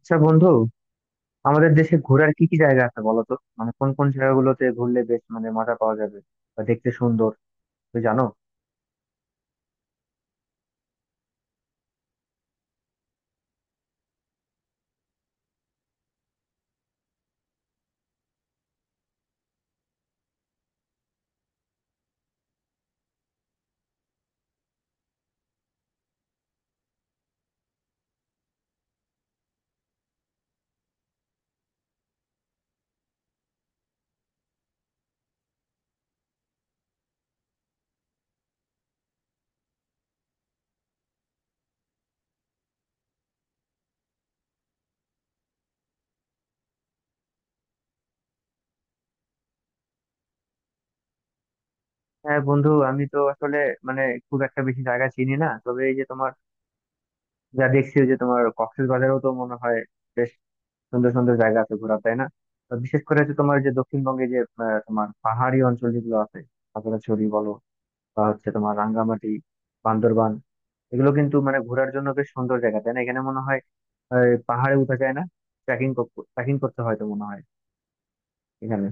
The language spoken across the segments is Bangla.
আচ্ছা, বন্ধু, আমাদের দেশে ঘোরার কি কি জায়গা আছে বলো তো? মানে কোন কোন জায়গাগুলোতে ঘুরলে বেশ মানে মজা পাওয়া যাবে বা দেখতে সুন্দর? তুমি জানো? হ্যাঁ বন্ধু, আমি তো আসলে মানে খুব একটা বেশি জায়গা চিনি না। তবে এই যে তোমার, যা দেখছি, ওই যে তোমার কক্সবাজারেও তো মনে হয় বেশ সুন্দর সুন্দর জায়গা আছে ঘোরা, তাই না? তো বিশেষ করে যে তোমার, যে দক্ষিণবঙ্গে যে, তোমার পাহাড়ি অঞ্চল যেগুলো আছে, খাগড়াছড়ি বলো বা হচ্ছে তোমার রাঙ্গামাটি, বান্দরবান, এগুলো কিন্তু মানে ঘোরার জন্য বেশ সুন্দর জায়গা, তাই না? এখানে মনে হয় পাহাড়ে উঠা যায় না? ট্রেকিং, করতে হয় তো মনে হয় এখানে।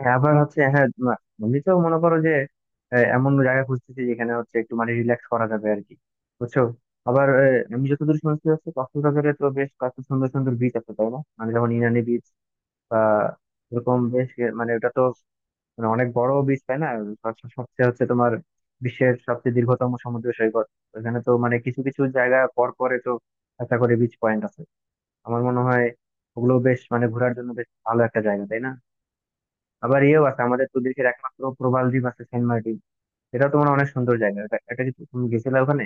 হ্যাঁ, আবার হচ্ছে, হ্যাঁ এমনি তো মনে করো যে এমন জায়গা খুঁজতেছি যেখানে হচ্ছে একটু মানে রিল্যাক্স করা যাবে আর কি, বুঝছো? আবার আমি যতদূর শুনছি, হচ্ছে কক্সবাজারে তো বেশ কত সুন্দর সুন্দর বিচ আছে, তাই না? মানে যেমন ইনানি বিচ বা এরকম বেশ, মানে ওটা তো মানে অনেক বড় বিচ, তাই না? সবচেয়ে হচ্ছে তোমার বিশ্বের সবচেয়ে দীর্ঘতম সমুদ্র সৈকত। ওখানে তো মানে কিছু কিছু জায়গা পর পরে তো একটা করে বিচ পয়েন্ট আছে আমার মনে হয়। ওগুলো বেশ মানে ঘোরার জন্য বেশ ভালো একটা জায়গা, তাই না? আবার ইয়েও আছে, আমাদের তো দেশের একমাত্র প্রবাল দ্বীপ আছে, সেন্ট মার্টিন। সেটা তো মানে অনেক সুন্দর জায়গা। এটা এটা কি তুমি গেছিলে ওখানে?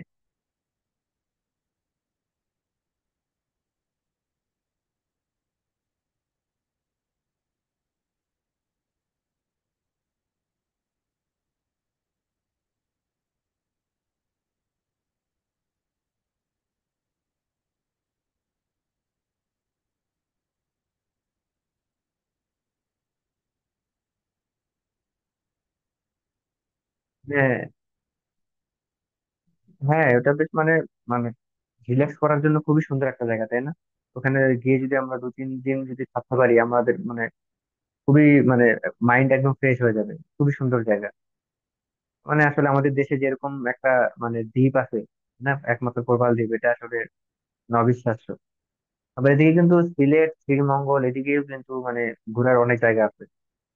হ্যাঁ, হ্যাঁ, ওটা বেশ মানে, মানে রিল্যাক্স করার জন্য খুবই সুন্দর একটা জায়গা, তাই না? ওখানে গিয়ে যদি আমরা 2-3 দিন যদি থাকতে পারি, আমাদের মানে খুবই মানে মাইন্ড একদম ফ্রেশ হয়ে যাবে, খুবই সুন্দর জায়গা। মানে আসলে আমাদের দেশে যেরকম একটা মানে দ্বীপ আছে না, একমাত্র প্রবাল দ্বীপ, এটা আসলে অবিশ্বাস্য। আবার এদিকে কিন্তু সিলেট, শ্রীমঙ্গল এদিকেও কিন্তু মানে ঘোরার অনেক জায়গা আছে।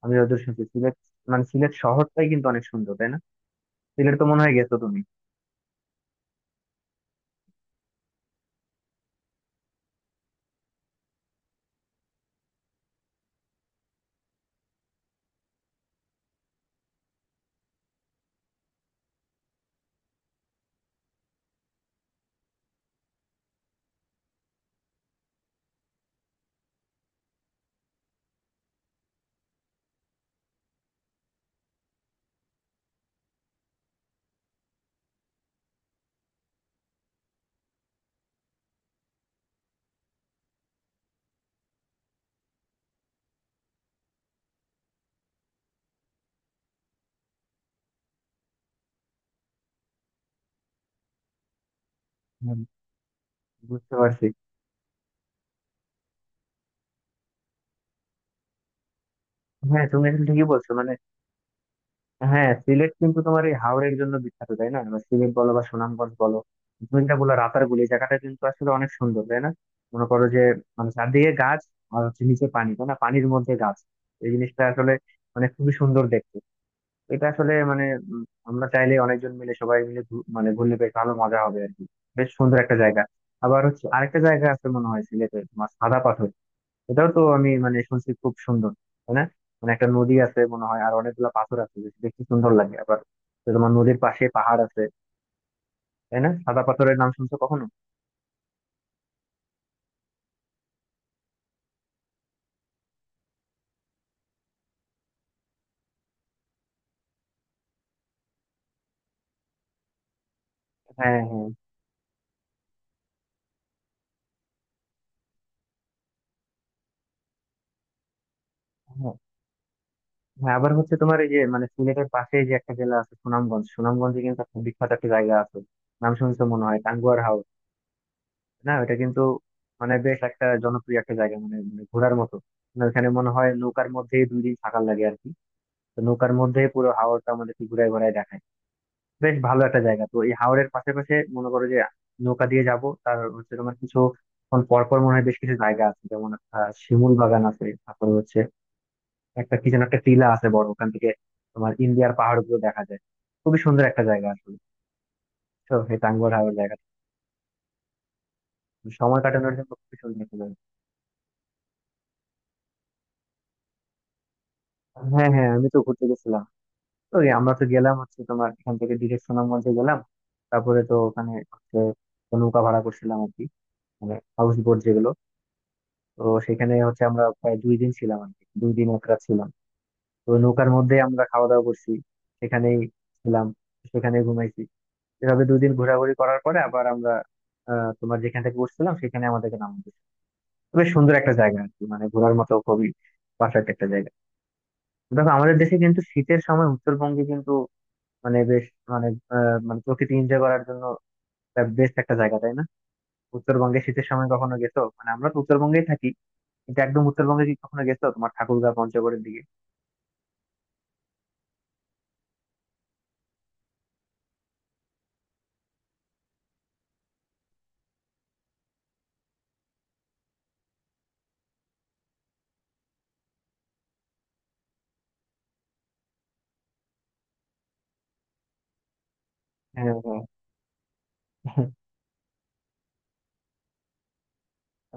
আমি যতদূর শুনছি সিলেট, মানে সিলেট শহরটাই কিন্তু অনেক সুন্দর, তাই না? সিলেট তো মনে হয় গেছো তুমি। হুম, বুঝতে পারছি। হ্যাঁ তুমি আসলে ঠিকই বলছো মানে, হ্যাঁ সিলেট কিন্তু তোমার এই হাওরের জন্য বিখ্যাত, তাই না? বা সিলেট বলো বা সুনামগঞ্জ বলো। তুমি যেটা বললো রাতারগুল, এই জায়গাটা কিন্তু আসলে অনেক সুন্দর, তাই না? মনে করো যে, মানে চারদিকে গাছ, আর হচ্ছে নিচে পানি, তাই না? পানির মধ্যে গাছ, এই জিনিসটা আসলে মানে খুবই সুন্দর দেখতে। এটা আসলে মানে উম, আমরা চাইলে অনেকজন মিলে সবাই মিলে মানে ঘুরলে বেশ ভালো মজা হবে আর কি, বেশ সুন্দর একটা জায়গা। আবার হচ্ছে আরেকটা জায়গা আছে মনে হয় সিলেটে তোমার, সাদা পাথর। এটাও তো আমি মানে শুনছি খুব সুন্দর, তাই না? মানে একটা নদী আছে মনে হয়, আর অনেকগুলা পাথর আছে যে দেখতে সুন্দর লাগে আবার। তো তোমার নদীর পাশে পাহাড় আছে, তাই না? সাদা পাথরের নাম শুনছো কখনো? হ্যাঁ হ্যাঁ হ্যাঁ, হ্যাঁ, আবার হচ্ছে তোমার এই যে মানে সিলেটের পাশে যে একটা জেলা আছে সুনামগঞ্জ, সুনামগঞ্জে কিন্তু একটা বিখ্যাত একটা জায়গা আছে, নাম শুনছো মনে হয় টাঙ্গুয়ার হাওর। না ওটা কিন্তু মানে বেশ একটা জনপ্রিয় একটা জায়গা মানে মানে ঘোরার মতো। মানে ওখানে মনে হয় নৌকার মধ্যেই 2 দিন থাকার লাগে আর কি। তো নৌকার মধ্যে পুরো হাওরটা আমাদেরকে ঘুরে ঘুরায় দেখায়, বেশ ভালো একটা জায়গা। তো এই হাওরের পাশাপাশি মনে করো যে নৌকা দিয়ে যাব, তার হচ্ছে তোমার কিছু ক্ষণ পর পর মনে হয় বেশ কিছু জায়গা আছে, যেমন শিমুল বাগান আছে, তারপরে হচ্ছে একটা কি যেন একটা টিলা আছে বড়, ওখান থেকে তোমার ইন্ডিয়ার পাহাড় গুলো দেখা যায়, খুবই সুন্দর একটা জায়গা আসলে। তো এই টাঙ্গুয়ার হাওরের জায়গা সময় কাটানোর জন্য খুবই সুন্দর একটা জায়গা। হ্যাঁ হ্যাঁ আমি তো ঘুরতে গেছিলাম। তো এই আমরা তো গেলাম হচ্ছে তোমার এখান থেকে ডিরেক্ট সুনামগঞ্জে গেলাম। তারপরে তো ওখানে হচ্ছে নৌকা ভাড়া করছিলাম আর কি, মানে হাউস বোট যেগুলো। তো সেখানে হচ্ছে আমরা প্রায় 2 দিন ছিলাম আর কি, 2 দিন 1 রাত ছিলাম। তো নৌকার মধ্যে আমরা খাওয়া দাওয়া করছি, সেখানেই ছিলাম, সেখানে ঘুমাইছি। এভাবে 2 দিন ঘোরাঘুরি করার পরে আবার আমরা, আহ তোমার যেখান থেকে উঠছিলাম সেখানে আমাদেরকে নামিয়ে দিয়েছে। বেশ সুন্দর একটা জায়গা আর কি, মানে ঘোরার মতো খুবই পারফেক্ট একটা জায়গা। দেখো আমাদের দেশে কিন্তু শীতের সময় উত্তরবঙ্গে কিন্তু মানে বেশ মানে মানে প্রকৃতি এনজয় করার জন্য বেস্ট একটা জায়গা, তাই না? উত্তরবঙ্গে শীতের সময় কখনো গেছো? মানে আমরা তো উত্তরবঙ্গেই থাকি, কিন্তু একদম উত্তরবঙ্গে কি কখনো গেছো তোমার ঠাকুরগাঁও পঞ্চগড়ের দিকে? হ্যাঁ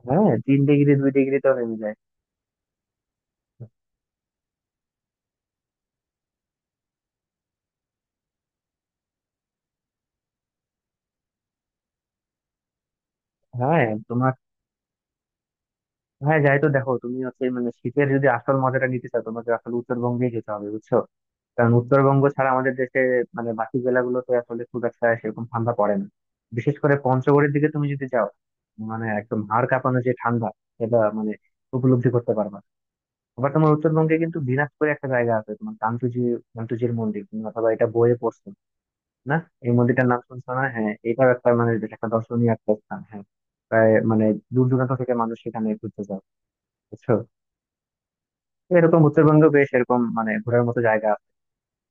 হ্যাঁ হ্যাঁ, 3 ডিগ্রি 2 ডিগ্রি তো নেমে যায়। হ্যাঁ তোমার, হ্যাঁ যাই, তো দেখো তুমি হচ্ছে মানে শীতের যদি আসল মজাটা নিতে চাও তোমাকে আসলে উত্তরবঙ্গে যেতে হবে, বুঝছো? কারণ উত্তরবঙ্গ ছাড়া আমাদের দেশে মানে বাকি জেলাগুলোতে আসলে খুব একটা সেরকম ঠান্ডা পড়ে না। বিশেষ করে পঞ্চগড়ের দিকে তুমি যদি যাও, মানে একদম হাড় কাঁপানো যে ঠান্ডা, সেটা মানে উপলব্ধি করতে পারবা। আবার তোমার উত্তরবঙ্গে কিন্তু দিনাজপুরে একটা জায়গা আছে তোমার, কান্তুজি। কান্তুজির মন্দির তুমি অথবা এটা বইয়ে পড়ছো না, এই মন্দিরটার নাম শুনছো না? হ্যাঁ এটাও একটা মানে বেশ একটা দর্শনীয় একটা স্থান, হ্যাঁ। প্রায় মানে দূর দূরান্ত থেকে মানুষ সেখানে ঘুরতে যায়, বুঝছো? তো এরকম উত্তরবঙ্গ বেশ এরকম মানে ঘোরার মতো জায়গা।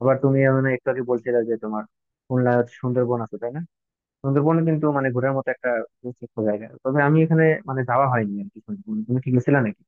আবার তুমি মানে একটু আগে বলছিলে যে তোমার খুলনা, সুন্দরবন আছে, তাই না? সুন্দরবন কিন্তু মানে ঘোরার মতো একটা বিশেষ একটা জায়গা, তবে আমি এখানে মানে যাওয়া হয়নি আর কি। সুন্দরবন তুমি কি গেছিলে নাকি?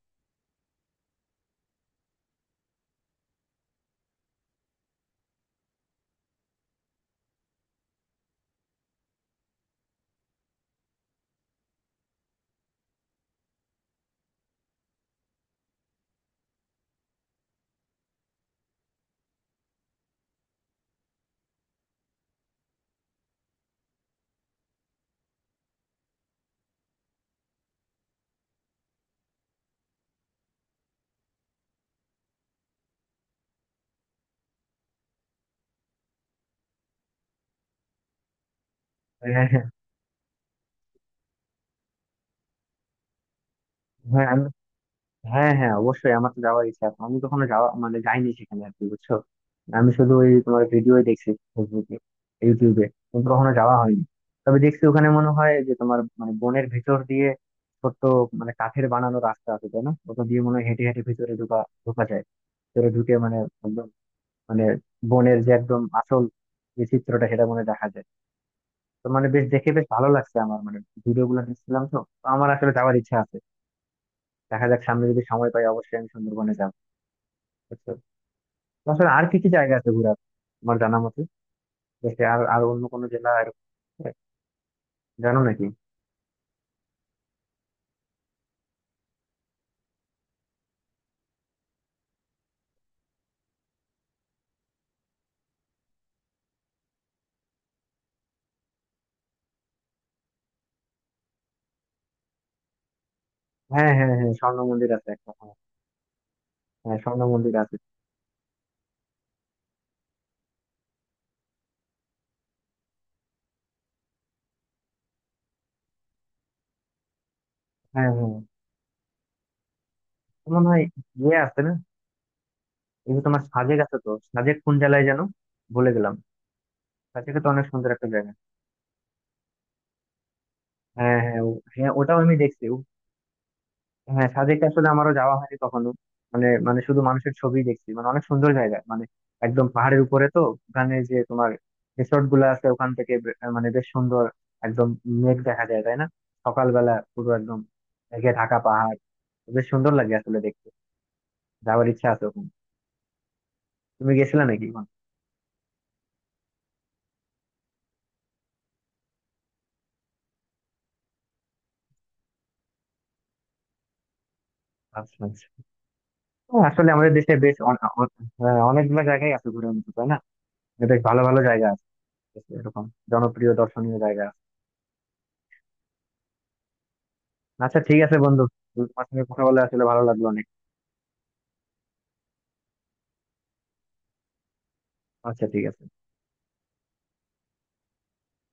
হ্যাঁ হ্যাঁ হ্যাঁ, হ্যাঁ হ্যাঁ অবশ্যই আমার তো যাওয়ার ইচ্ছা আছে, আমি কখনো যাওয়া মানে যাইনি সেখানে আর কি, বুঝছো? আমি শুধু ওই তোমার ভিডিওই দেখছি, ফেসবুকে, ইউটিউবে, কিন্তু কখনো যাওয়া হয়নি। তবে দেখছি ওখানে মনে হয় যে তোমার মানে বনের ভিতর দিয়ে ছোট্ট মানে কাঠের বানানো রাস্তা আছে, তাই না? ওটা দিয়ে মনে হয় হেঁটে হেঁটে ভিতরে ঢোকা, যায়। ভিতরে ঢুকে মানে একদম মানে বনের যে একদম আসল যে চিত্রটা সেটা মনে হয় দেখা যায়। তো মানে বেশ দেখে বেশ ভালো লাগছে আমার মানে, ভিডিও গুলো দেখছিলাম। তো তো আমার আসলে যাওয়ার ইচ্ছা আছে, দেখা যাক সামনে যদি সময় পাই অবশ্যই আমি সুন্দরবনে যাবো। আসলে আর কি কি জায়গা আছে ঘোরার আমার জানা মতে দেশে? আর আর অন্য কোনো জেলা এরকম আছে? জানো নাকি? হ্যাঁ হ্যাঁ হ্যাঁ, স্বর্ণ মন্দির আছে একটা, হ্যাঁ। হ্যাঁ, স্বর্ণ মন্দির আছে। হ্যাঁ হ্যাঁ মনে হয়। ইয়ে আছে না, এই যে তোমার সাজেক আছে, তো সাজেক কোন জেলায় যেন, ভুলে গেলাম। সাজেকে তো অনেক সুন্দর একটা জায়গা। হ্যাঁ হ্যাঁ, ও- হ্যাঁ ওটাও আমি দেখছি। হ্যাঁ সাজেকে আসলে আমারও যাওয়া হয়নি কখনো। মানে মানে শুধু মানুষের ছবি দেখছি, মানে অনেক সুন্দর জায়গা, মানে একদম পাহাড়ের উপরে তো। ওখানে যে তোমার রিসোর্ট গুলো আছে, ওখান থেকে মানে বেশ সুন্দর একদম মেঘ দেখা যায়, তাই না? সকালবেলা পুরো একদম মেঘে ঢাকা পাহাড়, বেশ সুন্দর লাগে আসলে দেখতে। যাওয়ার ইচ্ছা আছে ওখানে। তুমি গেছিলে নাকি ওখানে? আচ্ছা আচ্ছা। হ্যাঁ, আসলে আমাদের দেশে বেশ হ্যাঁ, অনেকগুলো জায়গায় আছে ঘুরে মতো, তাই না? বেশ ভালো ভালো জায়গা আছে, এরকম জনপ্রিয় দর্শনীয় জায়গা। আচ্ছা ঠিক আছে বন্ধু, তোমার সঙ্গে কথা বলে আসলে ভালো লাগলো অনেক। আচ্ছা ঠিক আছে।